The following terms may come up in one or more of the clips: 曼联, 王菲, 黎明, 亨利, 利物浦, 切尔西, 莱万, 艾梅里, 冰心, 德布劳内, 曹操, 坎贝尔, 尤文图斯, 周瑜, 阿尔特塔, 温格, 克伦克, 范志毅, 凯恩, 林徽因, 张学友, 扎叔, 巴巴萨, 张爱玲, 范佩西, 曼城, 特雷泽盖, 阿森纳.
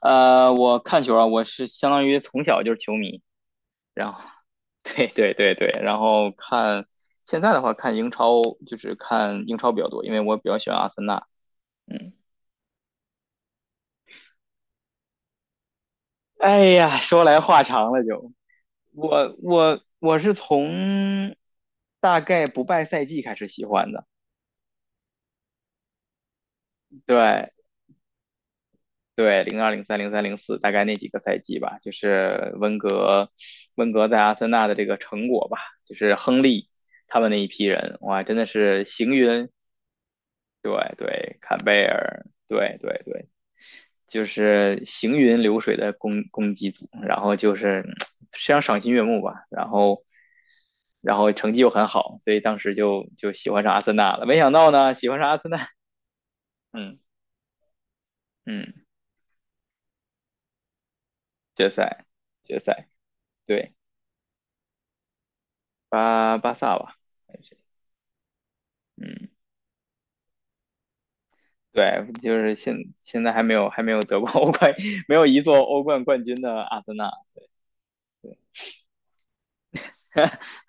我看球啊，我是相当于从小就是球迷，然后 对对对对，然后现在的话看英超，就是看英超比较多，因为我比较喜欢阿森纳。嗯，哎呀，说来话长了就，我是从大概不败赛季开始喜欢的。对，对，零二、零三、零四，大概那几个赛季吧，就是温格在阿森纳的这个成果吧，就是亨利他们那一批人，哇，真的是行云，对对，坎贝尔，对对对，就是行云流水的攻击组，然后就是非常赏心悦目吧，然后成绩又很好，所以当时就喜欢上阿森纳了，没想到呢，喜欢上阿森纳。嗯嗯，决赛决赛，对。巴萨吧，还有谁。嗯，对，就是现在还没有得过欧冠，没有一座欧冠冠军的阿森纳。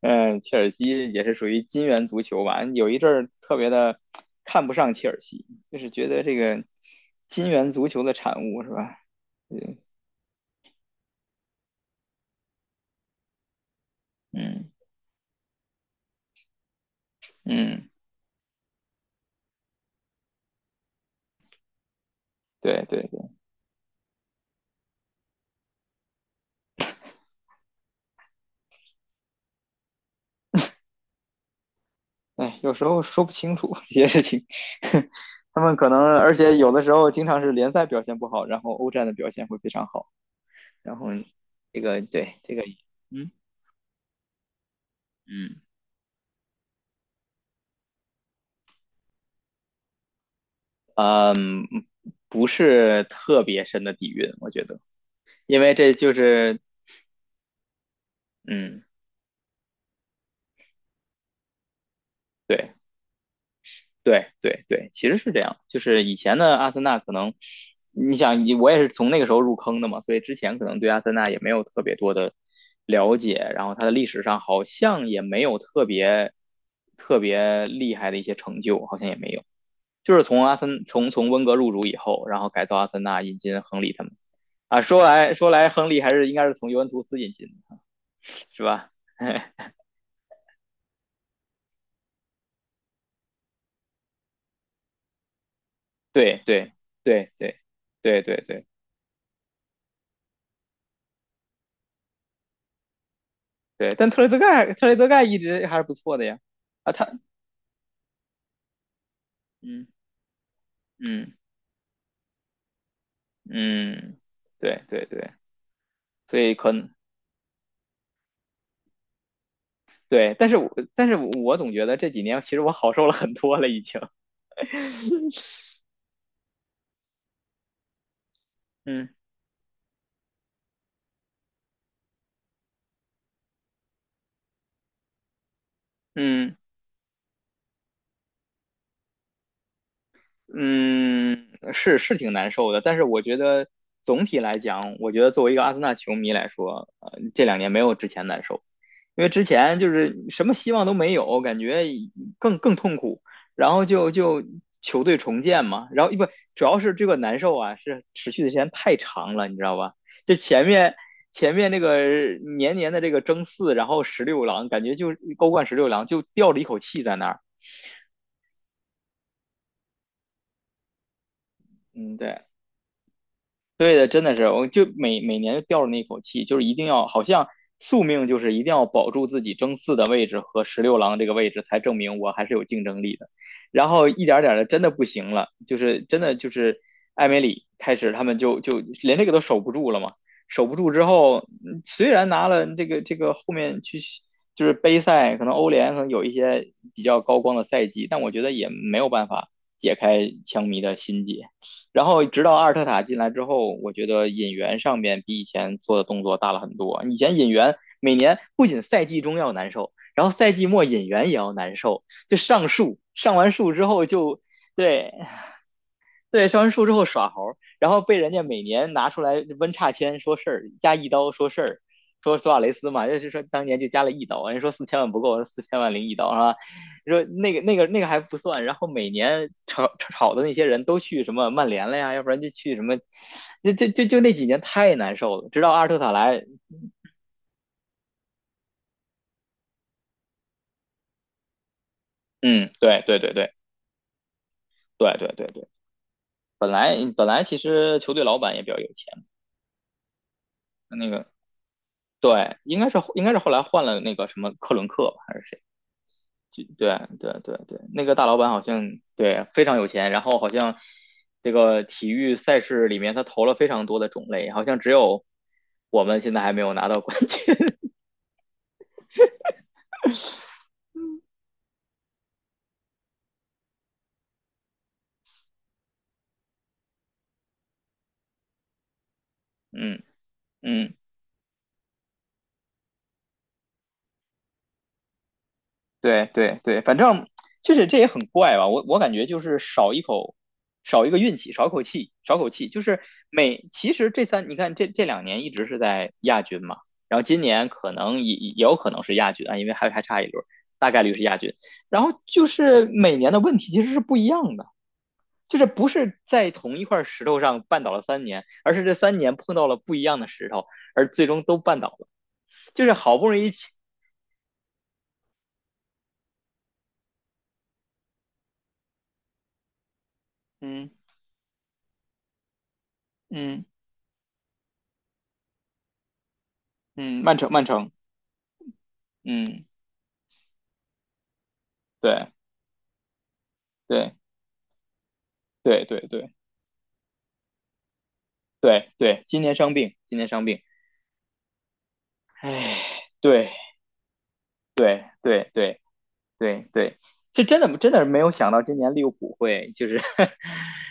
嗯，切尔西也是属于金元足球吧，有一阵儿特别的看不上切尔西，就是觉得这个金元足球的产物是吧？嗯嗯嗯，对对对，哎，有时候说不清楚 这些事情，他们可能而且有的时候经常是联赛表现不好，然后欧战的表现会非常好。然后这个对这个，嗯嗯，不是特别深的底蕴，我觉得，因为这就是。嗯，对对对对，其实是这样，就是以前的阿森纳可能，你想我也是从那个时候入坑的嘛，所以之前可能对阿森纳也没有特别多的了解，然后它的历史上好像也没有特别特别厉害的一些成就，好像也没有。就是从阿森从从温格入主以后，然后改造阿森纳，引进亨利他们。啊，说来，亨利还是应该是从尤文图斯引进的，是吧？对对对对对对对对，但特雷泽盖一直还是不错的呀。啊，他嗯嗯嗯，对对对，所以可能对，但是我总觉得这几年其实我好受了很多了，已经。嗯嗯。嗯，是是挺难受的，但是我觉得总体来讲，我觉得作为一个阿森纳球迷来说，这两年没有之前难受，因为之前就是什么希望都没有，感觉更痛苦，然后就球队重建嘛，然后不主要是这个难受啊，是持续的时间太长了，你知道吧？就前面那个年年的这个争四，然后十六郎，感觉就欧冠十六郎就吊着一口气在那儿。嗯，对，对的，真的是，我就每年就吊着那一口气，就是一定要，好像宿命就是一定要保住自己争四的位置和十六郎这个位置，才证明我还是有竞争力的。然后一点点的，真的不行了，就是真的就是艾梅里开始，他们就连这个都守不住了嘛，守不住之后，虽然拿了这个后面去就是杯赛，可能欧联可能有一些比较高光的赛季，但我觉得也没有办法解开枪迷的心结。然后直到阿尔特塔进来之后，我觉得引援上面比以前做的动作大了很多。以前引援每年不仅赛季中要难受，然后赛季末引援也要难受，就上树，上完树之后就对对，上完树之后耍猴，然后被人家每年拿出来温差签说事儿，加一刀说事儿，说索瓦雷斯嘛，就是说当年就加了一刀，人家说四千万不够，四千万零一刀是吧？说那个还不算，然后每年炒的那些人都去什么曼联了呀，要不然就去什么，就那几年太难受了，直到阿尔特塔来。嗯，对对对对对对对对，本来其实球队老板也比较有钱，那个对，应该是后来换了那个什么克伦克吧还是谁？就对对对对，那个大老板好像对非常有钱，然后好像这个体育赛事里面他投了非常多的种类，好像只有我们现在还没有拿到冠军。嗯嗯。对对对，反正就是这也很怪吧，我感觉就是少一口，少一个运气，少口气，少口气，就是每其实这三你看这两年一直是在亚军嘛，然后今年可能也有可能是亚军啊，因为还差一轮，大概率是亚军，然后就是每年的问题其实是不一样的。就是不是在同一块石头上绊倒了三年，而是这三年碰到了不一样的石头，而最终都绊倒了。就是好不容易起。嗯嗯嗯，曼城曼城，嗯对对对对对对对，今年伤病，今年伤病，哎，对对对对对对，这真的真的是没有想到今年利物浦会就是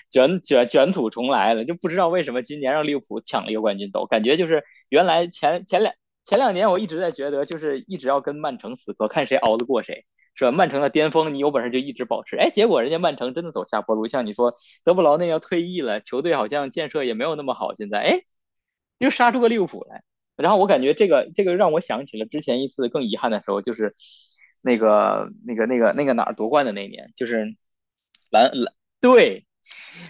卷土重来了，就不知道为什么今年让利物浦抢了一个冠军走，感觉就是原来前两年我一直在觉得就是一直要跟曼城死磕，看谁熬得过谁。是吧？曼城的巅峰，你有本事就一直保持。哎，结果人家曼城真的走下坡路，像你说，德布劳内要退役了，球队好像建设也没有那么好。现在，哎，又杀出个利物浦来。然后我感觉这个让我想起了之前一次更遗憾的时候，就是那个哪儿夺冠的那一年，就是蓝蓝对，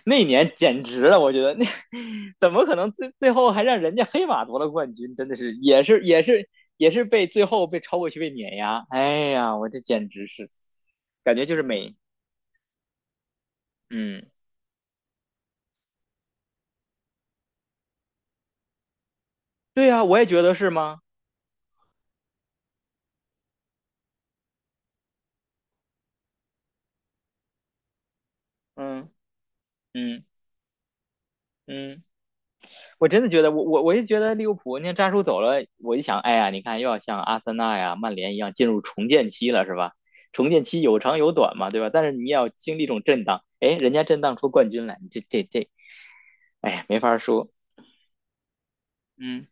那一年简直了，我觉得那 怎么可能最后还让人家黑马夺了冠军？真的是也是被最后被超过去被碾压，哎呀，我这简直是感觉就是美。嗯对呀、我也觉得是吗？嗯嗯嗯。我真的觉得，我就觉得利物浦，你看扎叔走了，我一想，哎呀，你看又要像阿森纳呀、曼联一样进入重建期了，是吧？重建期有长有短嘛，对吧？但是你也要经历一种震荡，哎，人家震荡出冠军来，你这，哎呀，没法说。嗯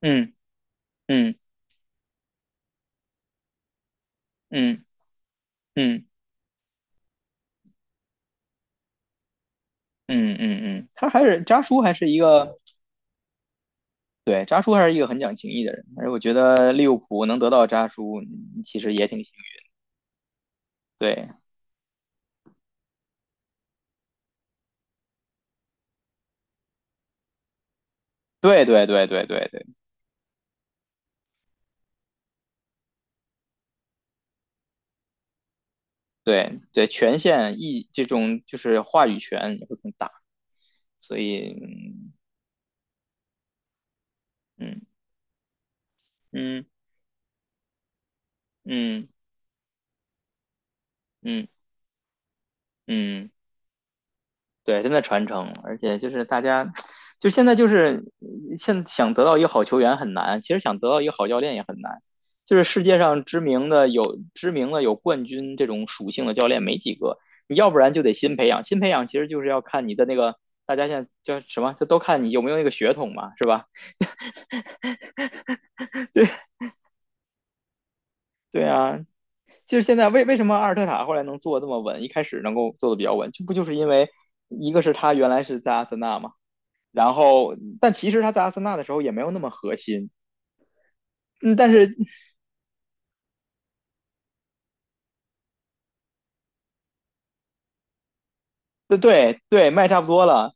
嗯嗯嗯嗯嗯嗯嗯，他还是扎叔还是一个对扎叔还是一个很讲情义的人，而且我觉得利物浦能得到扎叔，其实也挺幸运对对对对对对对对，权限意这种就是话语权也会更大，所以嗯嗯嗯嗯嗯，嗯，对，真的传承，而且就是大家，就现在就是现想得到一个好球员很难，其实想得到一个好教练也很难，就是世界上知名的有知名的有冠军这种属性的教练没几个，你要不然就得新培养，新培养其实就是要看你的那个。大家现在叫什么？这都看你有没有那个血统嘛，是吧？对对啊，就是现在为什么阿尔特塔后来能做这么稳，一开始能够做的比较稳，这不就是因为一个是他原来是在阿森纳嘛，然后但其实他在阿森纳的时候也没有那么核心，嗯，但是对对对，卖差不多了，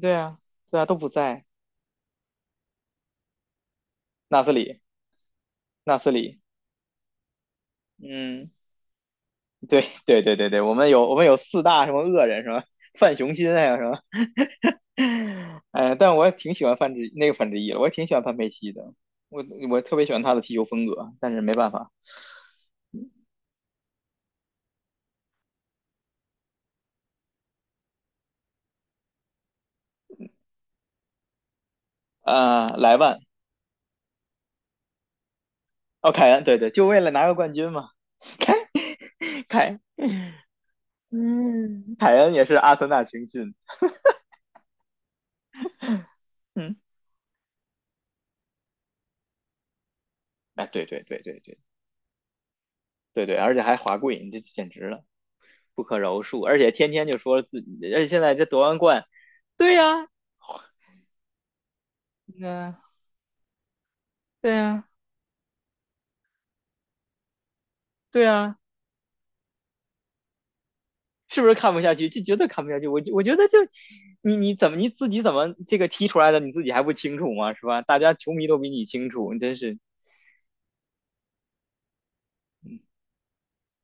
对啊对啊都不在纳斯里纳斯里，嗯，对对对对对，我们有四大什么恶人什么范雄心还有什么，哎，但我也挺喜欢范志毅的，我也挺喜欢范佩西的，我我特别喜欢他的踢球风格，但是没办法。啊、莱万哦，凯恩，对对，就为了拿个冠军嘛。凯凯，嗯，凯恩也是阿森纳青训，嗯，哎，对对对对对对对，而且还华贵，你这简直了，不可饶恕！而且天天就说自己，而且现在这夺完冠，对呀、嗯，对呀、对呀、是不是看不下去？就绝对看不下去。我觉得就你自己怎么这个踢出来的，你自己还不清楚吗？是吧？大家球迷都比你清楚，你真是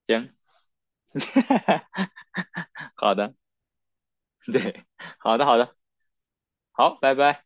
行，好的，对，好的好的。好，拜拜。